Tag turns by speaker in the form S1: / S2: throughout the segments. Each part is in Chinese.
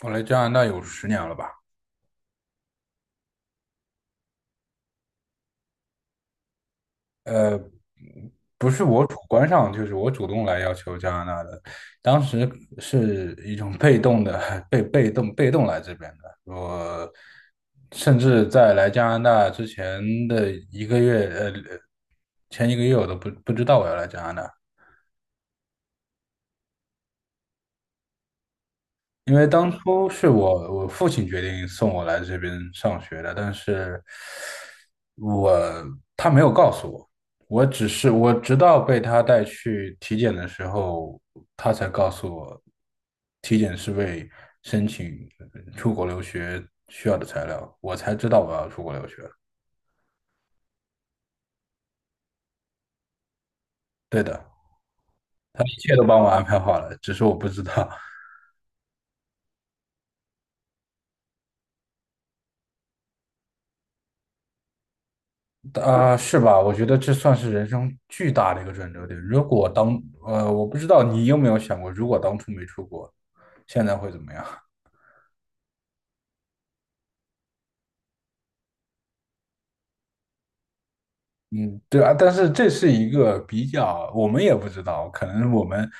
S1: 我来加拿大有10年了吧？呃，不是我主观上，就是我主动来要求加拿大的。当时是一种被动的，被动来这边的。我甚至在来加拿大之前的一个月，前一个月我都不知道我要来加拿大。因为当初是我父亲决定送我来这边上学的，但是我他没有告诉我，我只是我直到被他带去体检的时候，他才告诉我，体检是为申请出国留学需要的材料，我才知道我要出国留学。对的，一切都帮我安排好了，只是我不知道。啊、是吧？我觉得这算是人生巨大的一个转折点。如果当呃，我不知道你有没有想过，如果当初没出国，现在会怎么样？嗯，对啊，但是这是一个比较，我们也不知道，可能我们，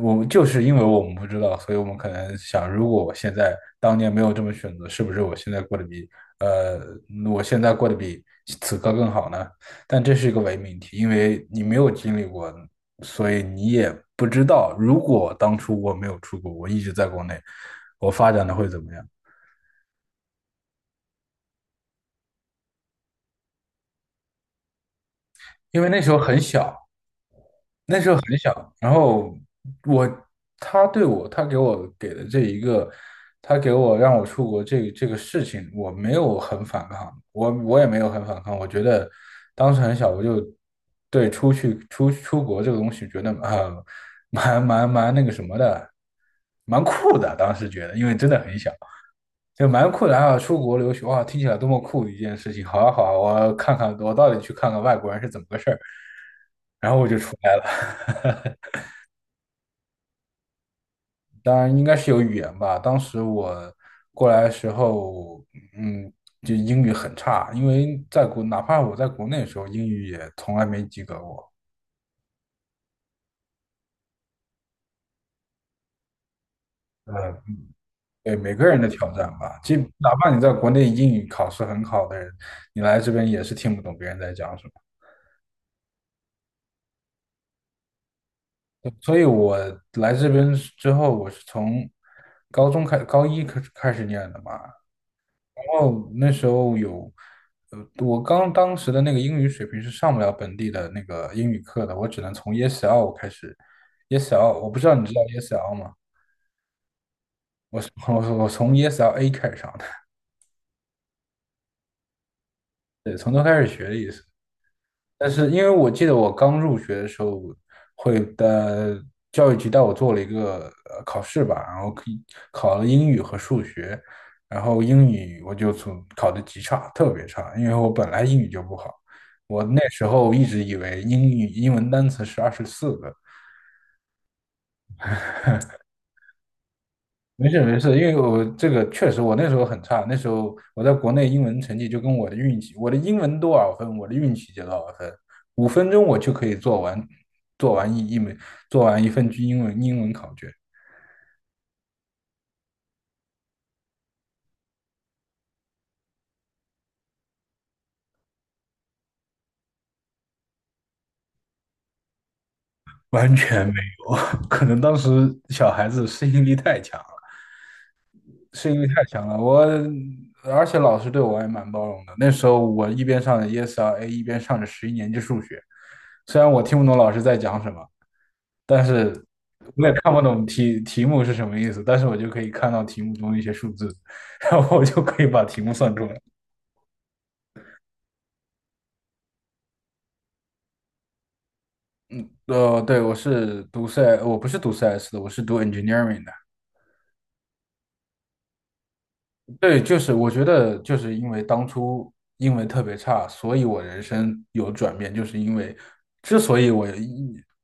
S1: 我们就是因为我们不知道，所以我们可能想，如果我现在当年没有这么选择，是不是我呃，现在过得比此刻更好呢？但这是一个伪命题，因为你没有经历过，所以你也不知道，如果当初我没有出国，我一直在国内，我发展的会怎么样？因为那时候很小，然后我他对我他给的这一个，他给我让我出国这个事情，我没有很反抗，我也没有很反抗，我觉得当时很小，我就对出去出出国这个东西觉得啊、蛮那个什么的，蛮酷的，当时觉得，因为真的很小。就蛮酷的啊！出国留学哇，听起来多么酷的一件事情！好啊好啊，我看看，我到底去看看外国人是怎么个事儿，然后我就出来了。当然应该是有语言吧。当时我过来的时候，嗯，就英语很差，因为哪怕我在国内的时候，英语也从来没及格过。嗯，对每个人的挑战吧，就哪怕你在国内英语考试很好的人，你来这边也是听不懂别人在讲什么。对所以，我来这边之后，我是从高一开始念的嘛，哦，那时候有，呃，我刚当时的那个英语水平是上不了本地的那个英语课的，我只能从 ESL 开始，ESL 我不知道你知道 ESL 吗？我是我我从 ESL A 开始上的，对，从头开始学的意思。但是因为我记得我刚入学的时候，会的教育局带我做了一个考试吧，然后可以考了英语和数学，然后英语我就从考的极差，特别差，因为我本来英语就不好，我那时候一直以为英文单词是24个，没事没事，因为我这个确实我那时候很差，那时候我在国内英文成绩就跟我的运气，我的英文多少分，我的运气就多少分，5分钟我就可以做完一一门做完一份英文考卷，完全没有，可能当时小孩子适应力太强了，适应力太强了，而且老师对我还蛮包容的，那时候我一边上着 ESRA，一边上着11年级数学，虽然我听不懂老师在讲什么。我也看不懂题目是什么意思，但是我就可以看到题目中一些数字，然后我就可以把题目算出来。对，我是读 CS，我不是读 CS 的，我是读 engineering 的。对，就是我觉得就是因为当初英文特别差，所以我人生有转变，就是因为之所以我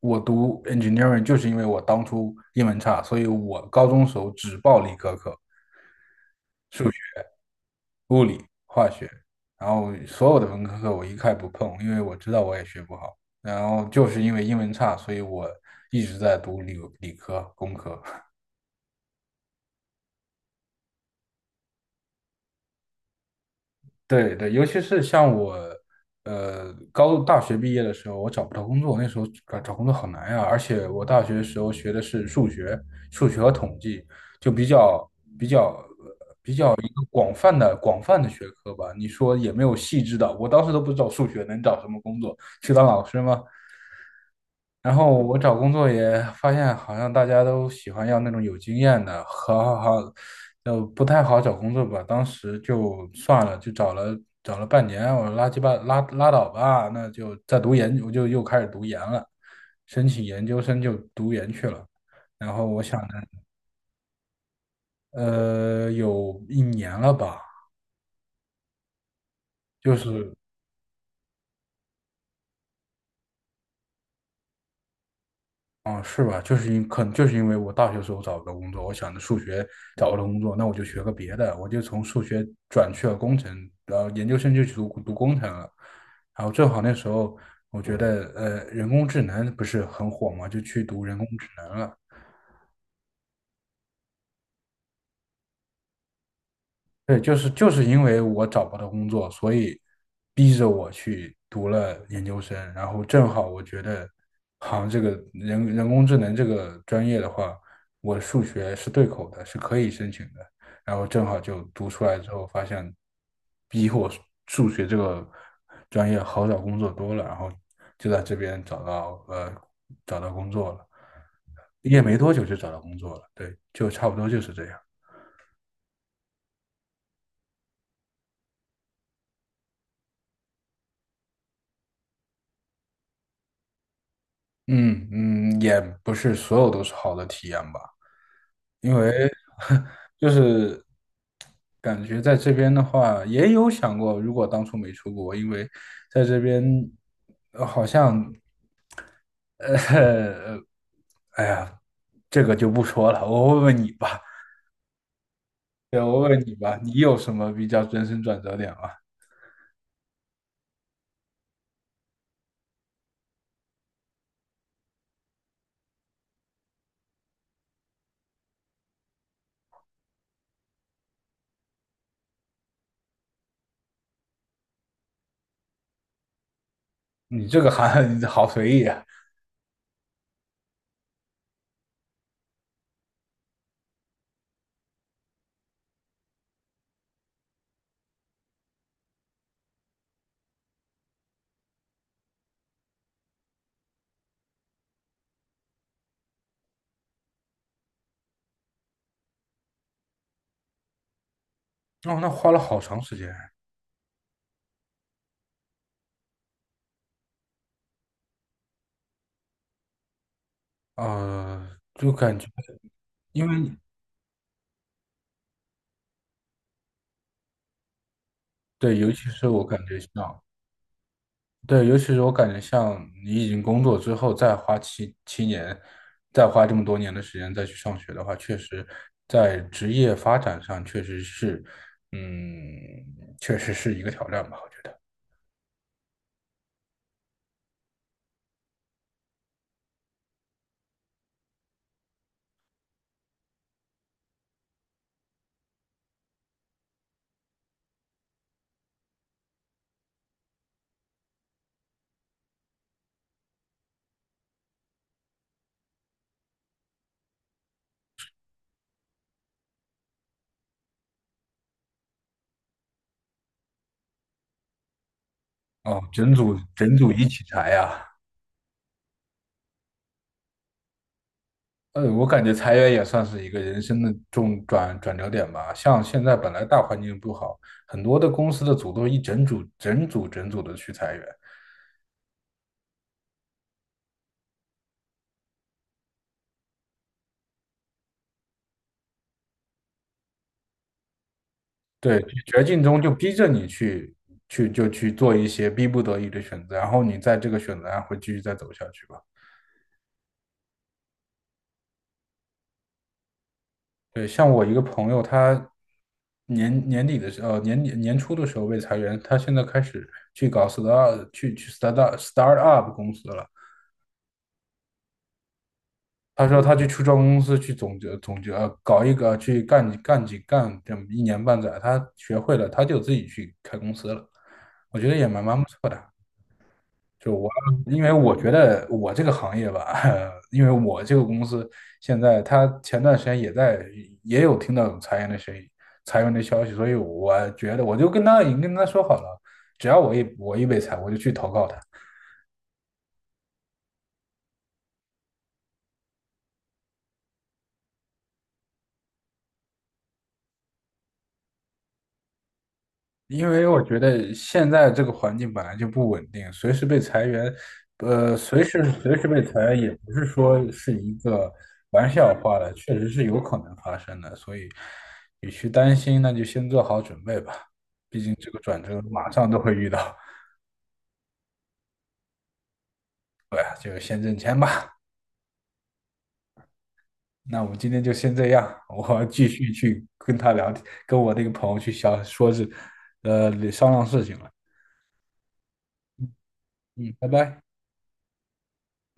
S1: 我读 engineering，就是因为我当初英文差，所以我高中时候只报理科课，数物理、化学，然后所有的文科课我一概不碰，因为我知道我也学不好。然后就是因为英文差，所以我一直在读理科、工科。对对，尤其是像我，大学毕业的时候，我找不到工作，那时候找工作好难呀、而且我大学的时候学的是数学、和统计，就比较广泛的学科吧。你说也没有细致的，我当时都不知道数学能找什么工作，去当老师吗？然后我找工作也发现，好像大家都喜欢要那种有经验的，好好好，就不太好找工作吧。当时就算了，就找了半年，我说拉鸡巴拉倒吧，那就再读研，我就又开始读研了，申请研究生就读研去了。然后我想着，有一年了吧，就是哦，是吧？就是因可能就是因为我大学时候找不到工作，我想着数学找不到工作，那我就学个别的，我就从数学转去了工程，然后研究生就去读工程了。然后正好那时候我觉得人工智能不是很火嘛，就去读人工智能了。对，就是因为我找不到工作，所以逼着我去读了研究生。然后正好我觉得，好像这个人工智能这个专业的话，我数学是对口的，是可以申请的。然后正好就读出来之后，发现比我数学这个专业好找工作多了。然后就在这边找到工作了，毕业没多久就找到工作了。对，就差不多就是这样。嗯嗯，也不是所有都是好的体验吧，因为 就是感觉在这边的话，也有想过，如果当初没出国，因为在这边好像，呃，哎呀，这个就不说了，我问问你吧，对，我问问你吧，你有什么比较人生转折点吗？你这个还 好随意啊，哦，那花了好长时间啊，就感觉因为对，尤其是我感觉像。对，尤其是我感觉，像你已经工作之后，再花七年，再花这么多年的时间再去上学的话，确实在职业发展上确实是，嗯，确实是一个挑战吧，我觉得。哦，整组整组一起裁呀、我感觉裁员也算是一个人生的转折点吧。像现在本来大环境不好，很多的公司的组都一整组整组整组的去裁员。对，绝境中就逼着你去做一些逼不得已的选择，然后你在这个选择上会继续再走下去吧。对，像我一个朋友，他年底年初的时候被裁员，他现在开始去搞 start 去去 start up 公司了。他说他去初创公司去总结总结，搞一个去干这么一年半载，他学会了，他就自己去开公司了。我觉得也蛮不错的。就我，因为我觉得我这个行业吧，因为我这个公司现在，他前段时间也有听到有裁员的声音、裁员的消息，所以我觉得我就跟他已经跟他说好了，只要我一被裁，我就去投靠他。因为我觉得现在这个环境本来就不稳定，随时被裁员，随时被裁员也不是说是一个玩笑话了，确实是有可能发生的，所以你去担心，那就先做好准备吧，毕竟这个转折马上都会遇到。对啊，就先挣钱吧。那我们今天就先这样，我继续去跟他聊天，跟我那个朋友去想说是，商量事情了。嗯，拜拜。